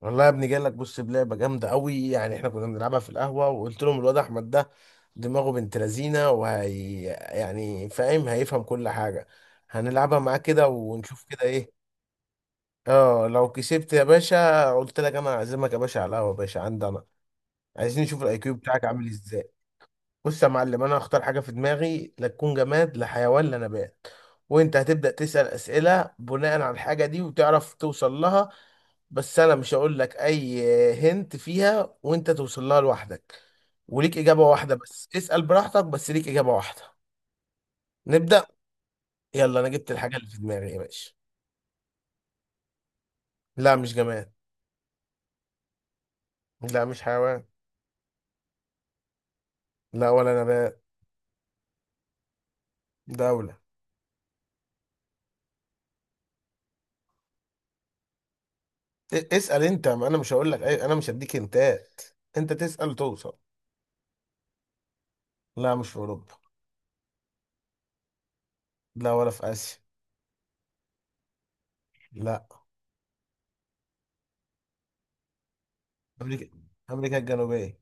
والله يا ابني، جاي لك. بص، بلعبه جامده قوي. يعني احنا كنا بنلعبها في القهوه، وقلت لهم الواد احمد ده دماغه بنت لذينه، وهي يعني فاهم هيفهم كل حاجه. هنلعبها معاه كده ونشوف كده ايه. اه لو كسبت يا باشا، قلت لك انا هعزمك يا باشا على القهوه يا باشا عندي انا. عايزين نشوف الاي كيو بتاعك عامل ازاي. بص يا معلم، انا هختار حاجه في دماغي، لا تكون جماد، لا حيوان، لا نبات. وانت هتبدا تسال اسئله بناء على الحاجه دي وتعرف توصل لها. بس انا مش هقول لك اي. هنت فيها وانت توصل لها لوحدك. وليك اجابه واحده بس، اسال براحتك بس ليك اجابه واحده. نبدا. يلا انا جبت الحاجه اللي في دماغي يا باشا. لا مش جماد. لا مش حيوان. لا ولا نبات. دوله. اسال انت، ما انا مش هقول لك اي، انا مش هديك هنتات. انت تسال توصل. لا مش في اوروبا. لا ولا في آسيا. لا. أمريكا. أمريكا الجنوبية.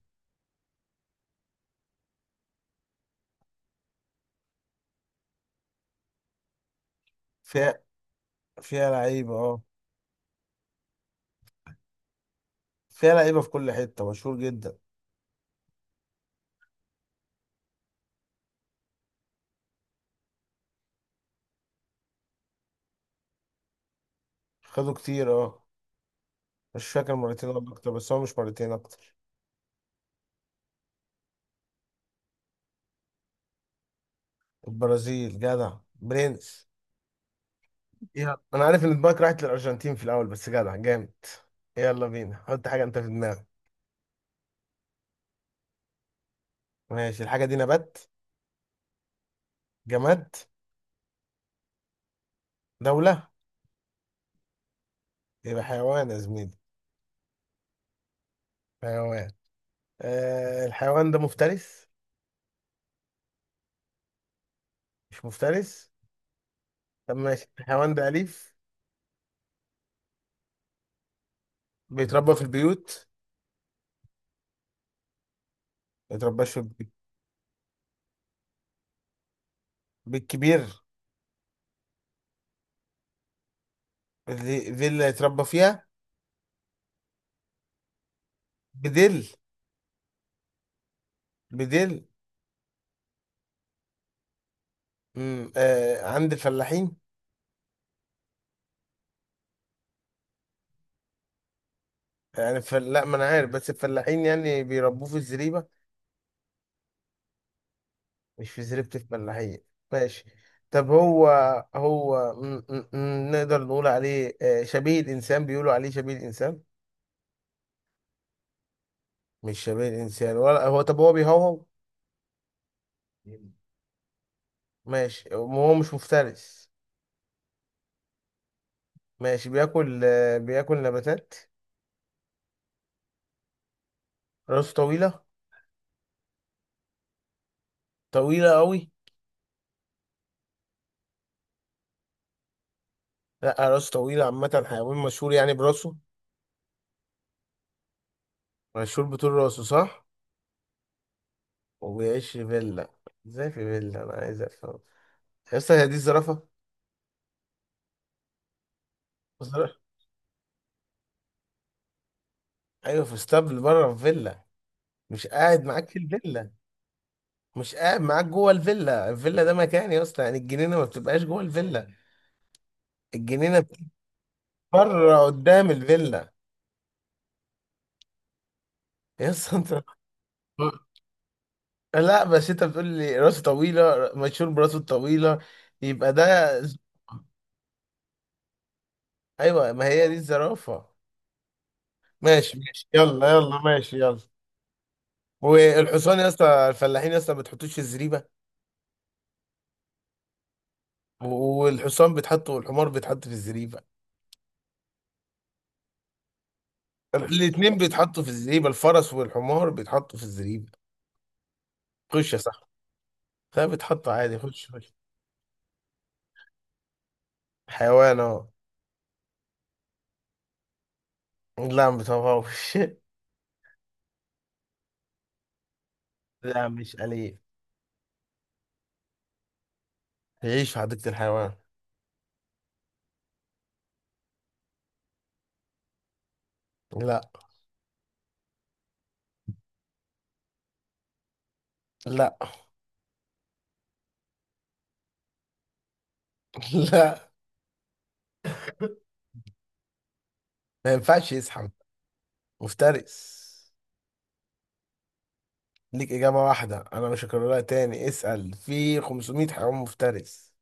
فيها. فيها لعيبة اه. فيها لعيبة في كل حتة مشهور جدا. خدوا كتير اه. مش فاكر مرتين ولا أكتر، بس هو مش مرتين، أكتر. البرازيل جدع برنس. يلا أنا عارف إن دماغك راحت للأرجنتين في الأول، بس جدع جامد. يلا بينا، حط حاجة أنت في دماغك. ماشي الحاجة دي نبات؟ جماد؟ دولة؟ يبقى حيوان يا زميلي. حيوان. آه الحيوان ده مفترس؟ مش مفترس. طب ماشي الحيوان ده أليف؟ بيتربى في البيوت؟ ما يترباش في البيت؟ بيت كبير. فيلا يتربى فيها؟ بدل. بدل. آه عند الفلاحين. لا ما انا عارف، بس الفلاحين يعني بيربوه في الزريبة. مش في زريبة الفلاحين؟ ماشي. طب هو. هو نقدر نقول عليه آه شبيه الإنسان؟ بيقولوا عليه شبيه الإنسان. مش شبيه الإنسان ولا هو؟ طب هو بيهوهو؟ ماشي هو مش مفترس. ماشي بياكل آه بياكل نباتات. راسه طويلة. طويلة أوي. لا راسه طويلة عامة، حيوان مشهور يعني براسه. مشهور بطول راسه، صح؟ وبيعيش في فيلا. ازاي في فيلا؟ أنا عايز أفهم. يا اسطى، هي دي الزرافة. الزرافة. أيوة، في اسطبل بره في فيلا؟ مش قاعد معاك في الفيلا؟ مش قاعد معاك جوه الفيلا. الفيلا ده مكان يا اسطى، يعني الجنينة ما بتبقاش جوه الفيلا. الجنينة بتبقى. بره قدام الفيلا. يا اسطى انت. لا، بس انت بتقول لي راسه طويلة مشهور براسه الطويلة، يبقى ده. ايوه ما هي دي الزرافة. ماشي ماشي، يلا يلا ماشي يلا. والحصان يا اسطى، الفلاحين يا اسطى ما بتحطوش في الزريبه؟ والحصان بيتحط والحمار بيتحط في الزريبه. الاتنين بيتحطوا في الزريبه، الفرس والحمار بيتحطوا في الزريبه. خش يا صاحبي. لا بيتحطوا عادي، خش خش. حيوان اهو. لا ما بتهوهوش. لا مش أليف. يعيش في حديقة الحيوان. لا. لا. لا ما ينفعش يزحف. مفترس. ليك إجابة واحدة، أنا مش هكررها تاني، اسأل في 500 حيوان مفترس.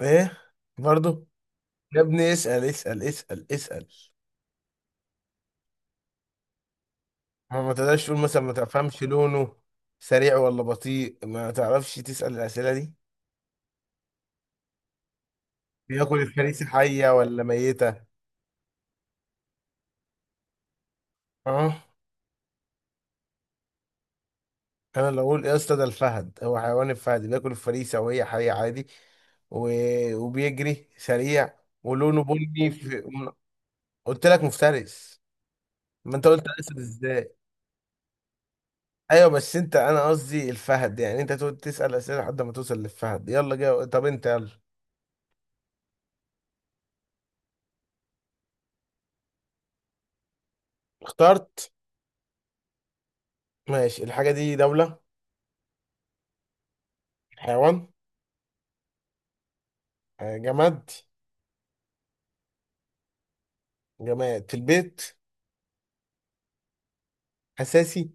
ايه؟ برضو. يا ابني اسأل اسأل اسأل اسأل. ما تقدرش تقول مثلا ما تفهمش لونه، سريع ولا بطيء، ما تعرفش تسأل الأسئلة دي؟ بياكل الفريسة حية ولا ميتة؟ اه. انا لو اقول يا اسطى ده الفهد، هو حيوان الفهد بياكل الفريسة وهي حية عادي. و... وبيجري سريع ولونه بني قلت لك مفترس. ما انت قلت اسد ازاي؟ ايوه بس انت، انا قصدي الفهد، يعني انت تقعد تسأل اسئله لحد ما توصل للفهد. يلا جاي. طب انت يلا. اخترت. ماشي الحاجة دي دولة؟ حيوان؟ آه، جماد؟ جماد في البيت؟ أساسي؟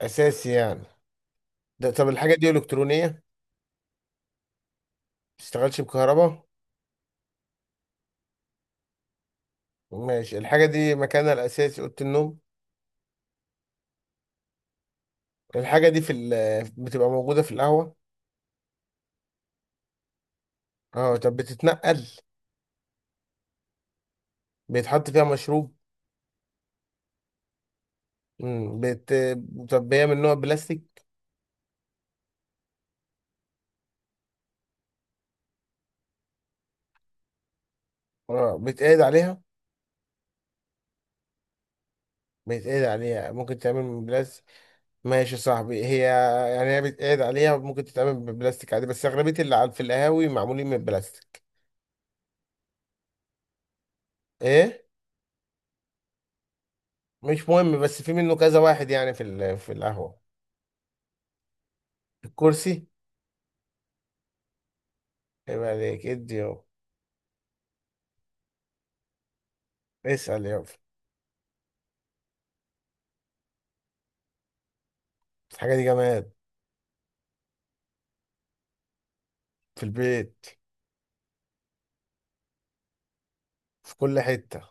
أساسي يعني. ده طب الحاجة دي إلكترونية؟ ما بتشتغلش بكهرباء؟ ماشي الحاجة دي مكانها الأساسي أوضة النوم؟ الحاجة دي بتبقى موجودة في القهوة؟ اه طب بتتنقل؟ بيتحط فيها مشروب؟ مم. بت... طب هي من نوع بلاستيك؟ اه بيتقعد عليها. بيتقعد عليها، ممكن تعمل من بلاستيك. ماشي يا صاحبي هي. يعني هي بيتقعد عليها، ممكن تتعمل ببلاستيك عادي، بس أغلبية اللي في القهاوي معمولين من بلاستيك. إيه؟ مش مهم، بس في منه كذا واحد يعني في القهوة. الكرسي. يبقى عليك ادي يابا. اسأل يابا. الحاجة دي جماد. في البيت. في كل حتة.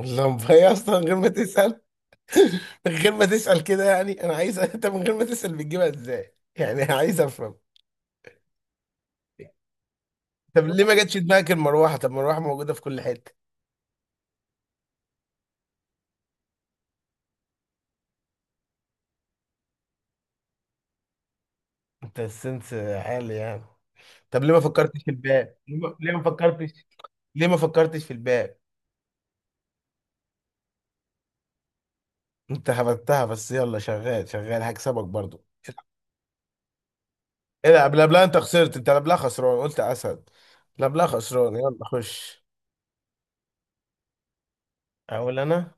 اللمبة هي أصلا من غير ما تسأل. من غير ما تسأل كده، يعني أنا عايز أنت من غير ما تسأل بتجيبها إزاي؟ يعني عايز أفهم. طب ليه ما جاتش دماغك المروحة؟ طب المروحة موجودة في كل حتة. أنت السنس. حالي يعني. طب ليه ما فكرتش في الباب؟ ليه ما فكرتش؟ ليه ما فكرتش في الباب؟ انت هبتها، بس يلا شغال شغال هكسبك برضو. ايه ده؟ قبلها انت خسرت، انت قبلها خسران، قلت اسد. قبلها خسران، يلا خش. اقول انا.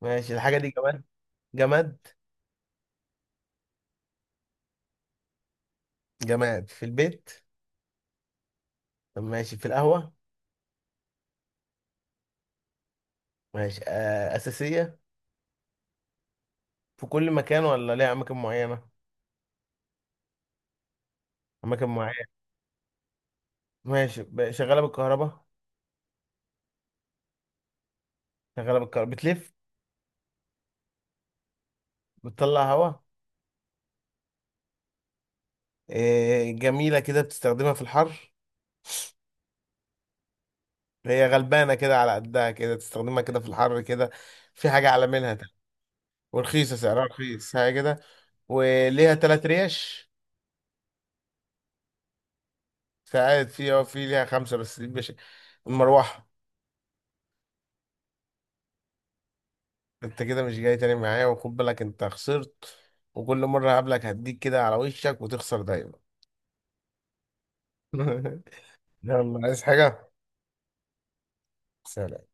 ماشي الحاجه دي جماد؟ جماد. جماد في البيت؟ طب ماشي في القهوه؟ ماشي آه اساسيه؟ في كل مكان ولا ليها اماكن معينه؟ اماكن معينه. ماشي، شغاله بالكهرباء؟ شغاله بالكهرباء، بتلف. بتطلع هواء. إيه جميله كده، بتستخدمها في الحر. هي غلبانة كده على قدها كده، تستخدمها كده في الحر كده، في حاجة أعلى منها تاني. ورخيصة، سعرها رخيص حاجة كده. وليها تلات ريش. ساعات في اه، في ليها خمسة، بس دي مش. المروحة. انت كده مش جاي تاني معايا، وخد بالك انت خسرت. وكل مرة هقابلك هديك كده على وشك وتخسر دايما. يلا عايز حاجة؟ سلام.